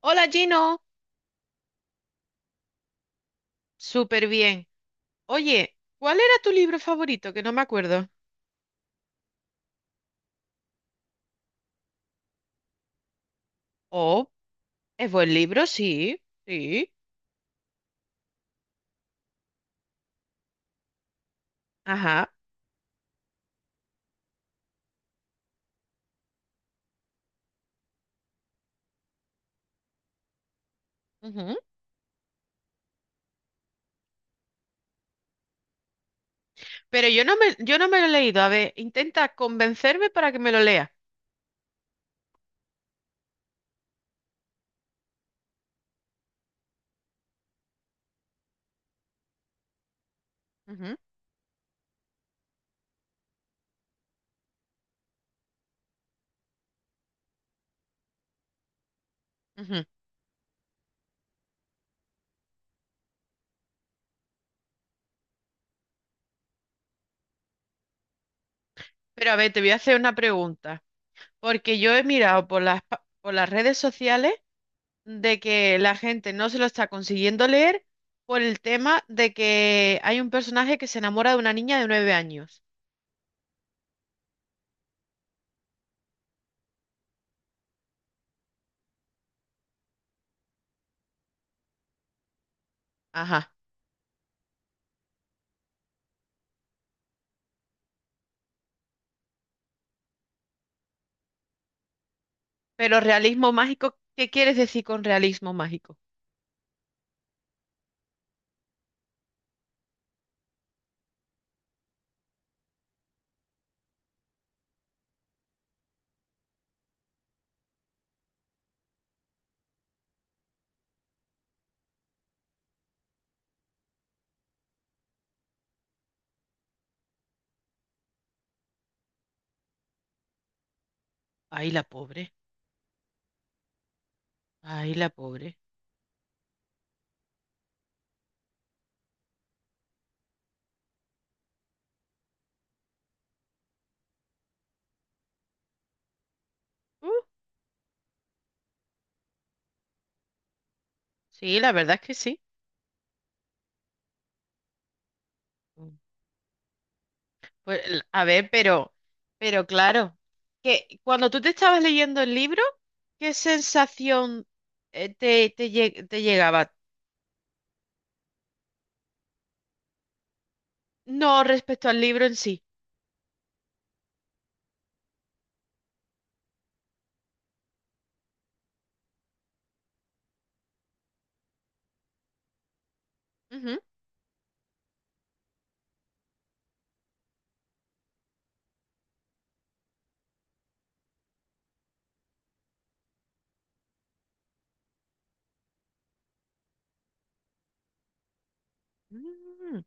Hola, Gino, súper bien. Oye, ¿cuál era tu libro favorito? Que no me acuerdo. Oh, es buen libro, sí, sí, ajá. Ujú. Pero yo no me lo he leído. A ver, intenta convencerme para que me lo lea. Ujú, ujú. Pero a ver, te voy a hacer una pregunta, porque yo he mirado por por las redes sociales de que la gente no se lo está consiguiendo leer por el tema de que hay un personaje que se enamora de una niña de 9 años. Ajá. Pero realismo mágico, ¿qué quieres decir con realismo mágico? Ay, la pobre. Ay, la pobre. Uh, sí, la verdad es que sí. Mm. A ver, pero claro, que cuando tú te estabas leyendo el libro, ¿qué sensación te llegaba? No respecto al libro en sí. Ujú. Mm,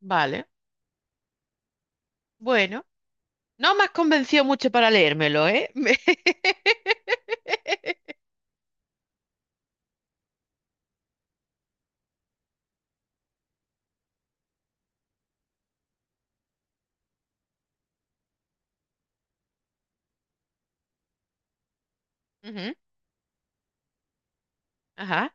vale, bueno. No me has convencido mucho para leérmelo, ¿eh? Me- Ujú. Ajá.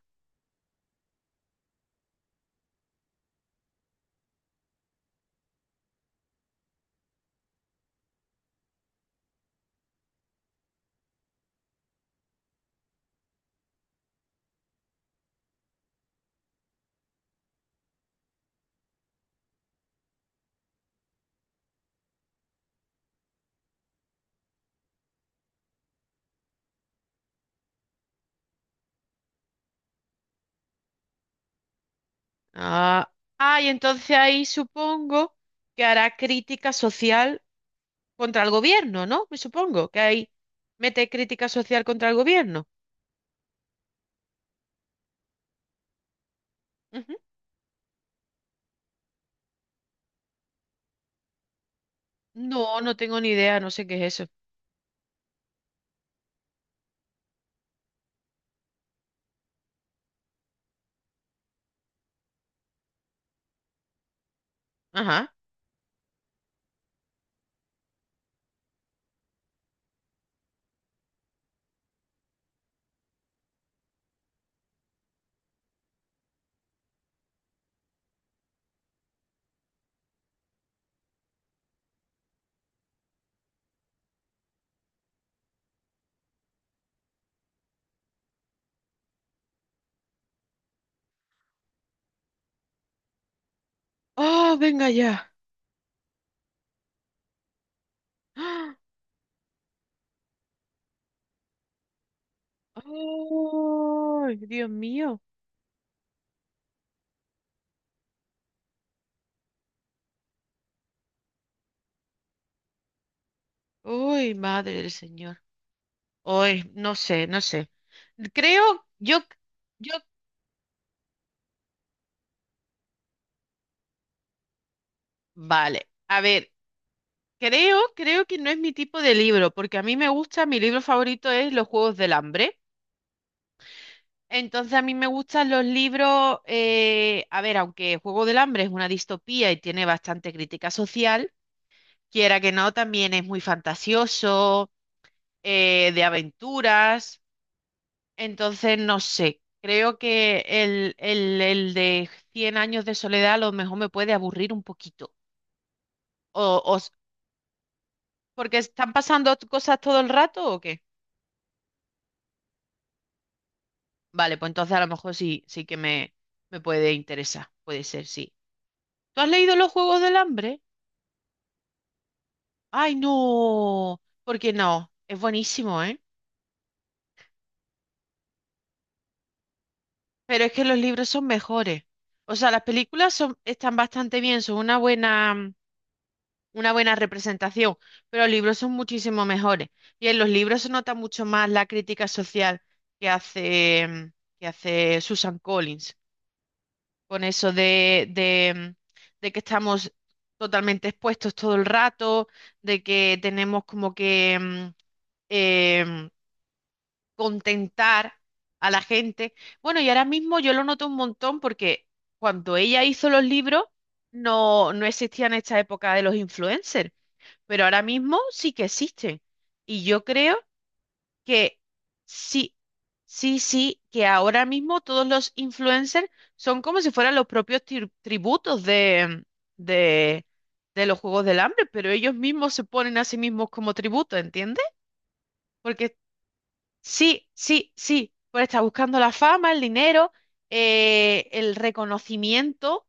Ah, ah, y entonces ahí supongo que hará crítica social contra el gobierno, ¿no? Me supongo que ahí mete crítica social contra el gobierno. Ujú. No, no tengo ni idea, no sé qué es eso. Ajá. ¡Oh, venga ya! ¡Ah! ¡Ay, Dios mío! ¡Uy, madre del Señor! ¡Uy, no sé, no sé! Creo, yo, yo, vale. A ver, creo que no es mi tipo de libro, porque a mí me gusta, mi libro favorito es Los Juegos del Hambre. Entonces a mí me gustan los libros, a ver, aunque Juego del Hambre es una distopía y tiene bastante crítica social, quiera que no, también es muy fantasioso, de aventuras. Entonces, no sé, creo que el de Cien Años de Soledad a lo mejor me puede aburrir un poquito. O, o, s- Porque están pasando cosas todo el rato, ¿o qué? Vale, pues entonces a lo mejor sí que me puede interesar. Puede ser, sí. ¿Tú has leído Los Juegos del Hambre? ¡Ay, no! ¿Por qué no? Es buenísimo, ¿eh? Pero es que los libros son mejores. O sea, están bastante bien, son una buena, una buena representación, pero los libros son muchísimo mejores. Y en los libros se nota mucho más la crítica social que hace, que hace Susan Collins con eso de que estamos totalmente expuestos todo el rato, de que tenemos como que em, contentar a la gente. Bueno, y ahora mismo yo lo noto un montón porque cuando ella hizo los libros no, no existían esta época de los influencers, pero ahora mismo sí que existen. Y yo creo que sí, sí, sí, que ahora mismo todos los influencers son como si fueran los propios tributos de, de los Juegos del Hambre, pero ellos mismos se ponen a sí mismos como tributo, ¿entiendes? Porque sí, sí, sí, pues está buscando la fama, el dinero, el reconocimiento,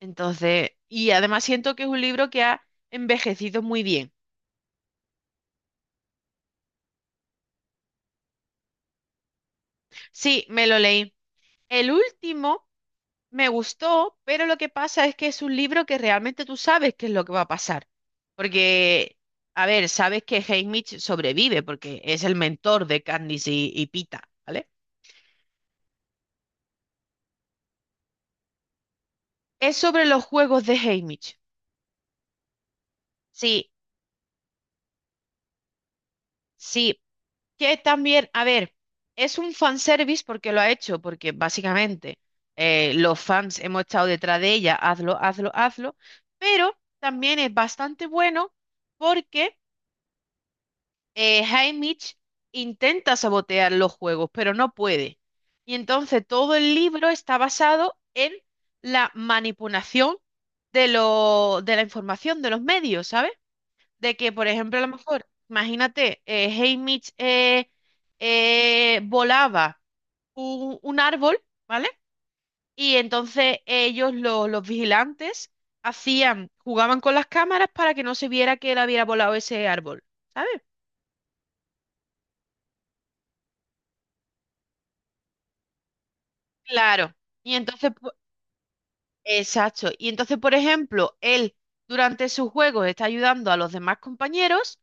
entonces, y además siento que es un libro que ha envejecido muy bien. Sí, me lo leí. El último. Me gustó, pero lo que pasa es que es un libro que realmente tú sabes qué es lo que va a pasar. Porque, a ver, sabes que Haymitch sobrevive porque es el mentor de Candice y Pita, ¿vale? Es sobre los juegos de Haymitch. Sí, sí, que también, a ver, es un fanservice porque lo ha hecho, porque básicamente los fans hemos estado detrás de ella, hazlo, hazlo, hazlo, pero también es bastante bueno porque Haymitch intenta sabotear los juegos, pero no puede. Y entonces todo el libro está basado en la manipulación de la información de los medios, ¿sabes? De que, por ejemplo, a lo mejor, imagínate, Haymitch volaba un árbol, ¿vale? Y entonces ellos, los vigilantes, jugaban con las cámaras para que no se viera que él había volado ese árbol, ¿sabes? Claro. Y entonces, pu- Exacto. Y entonces, por ejemplo, él durante sus juegos está ayudando a los demás compañeros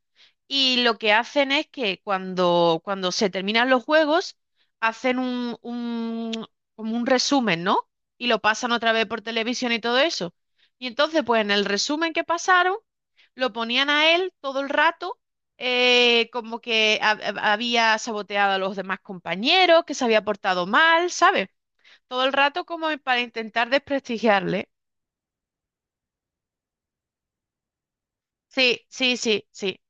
y lo que hacen es que cuando se terminan los juegos, hacen como un resumen, ¿no? Y lo pasan otra vez por televisión y todo eso. Y entonces, pues en el resumen que pasaron, lo ponían a él todo el rato, como que ha- ha- había saboteado a los demás compañeros, que se había portado mal, ¿sabes? Todo el rato como para intentar desprestigiarle. Sí, sí, sí, sí.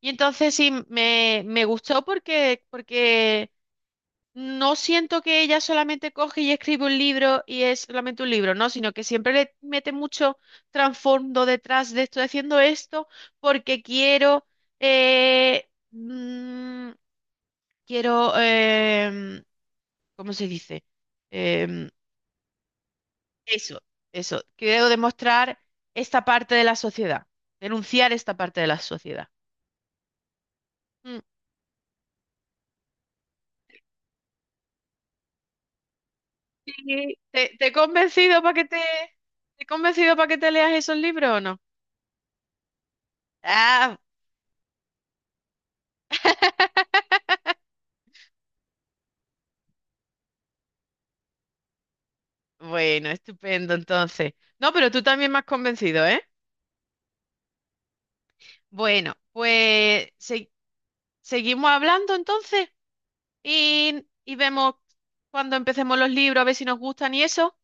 Y entonces sí, me gustó porque, porque no siento que ella solamente coge y escribe un libro y es solamente un libro, no, sino que siempre le mete mucho trasfondo detrás de estoy haciendo esto porque quiero, eh, mm, quiero, ¿cómo se dice? Em, Eso, eso, quiero demostrar esta parte de la sociedad, denunciar esta parte de la sociedad. Sí, ¿te te he convencido para que te leas esos libros o no? Ah, bueno, estupendo entonces. No, pero tú también me has convencido, ¿eh? Bueno, seguimos hablando entonces y vemos cuando empecemos los libros, a ver si nos gustan y eso.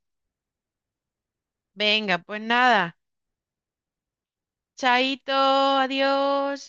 Venga, pues nada. Chaito, adiós.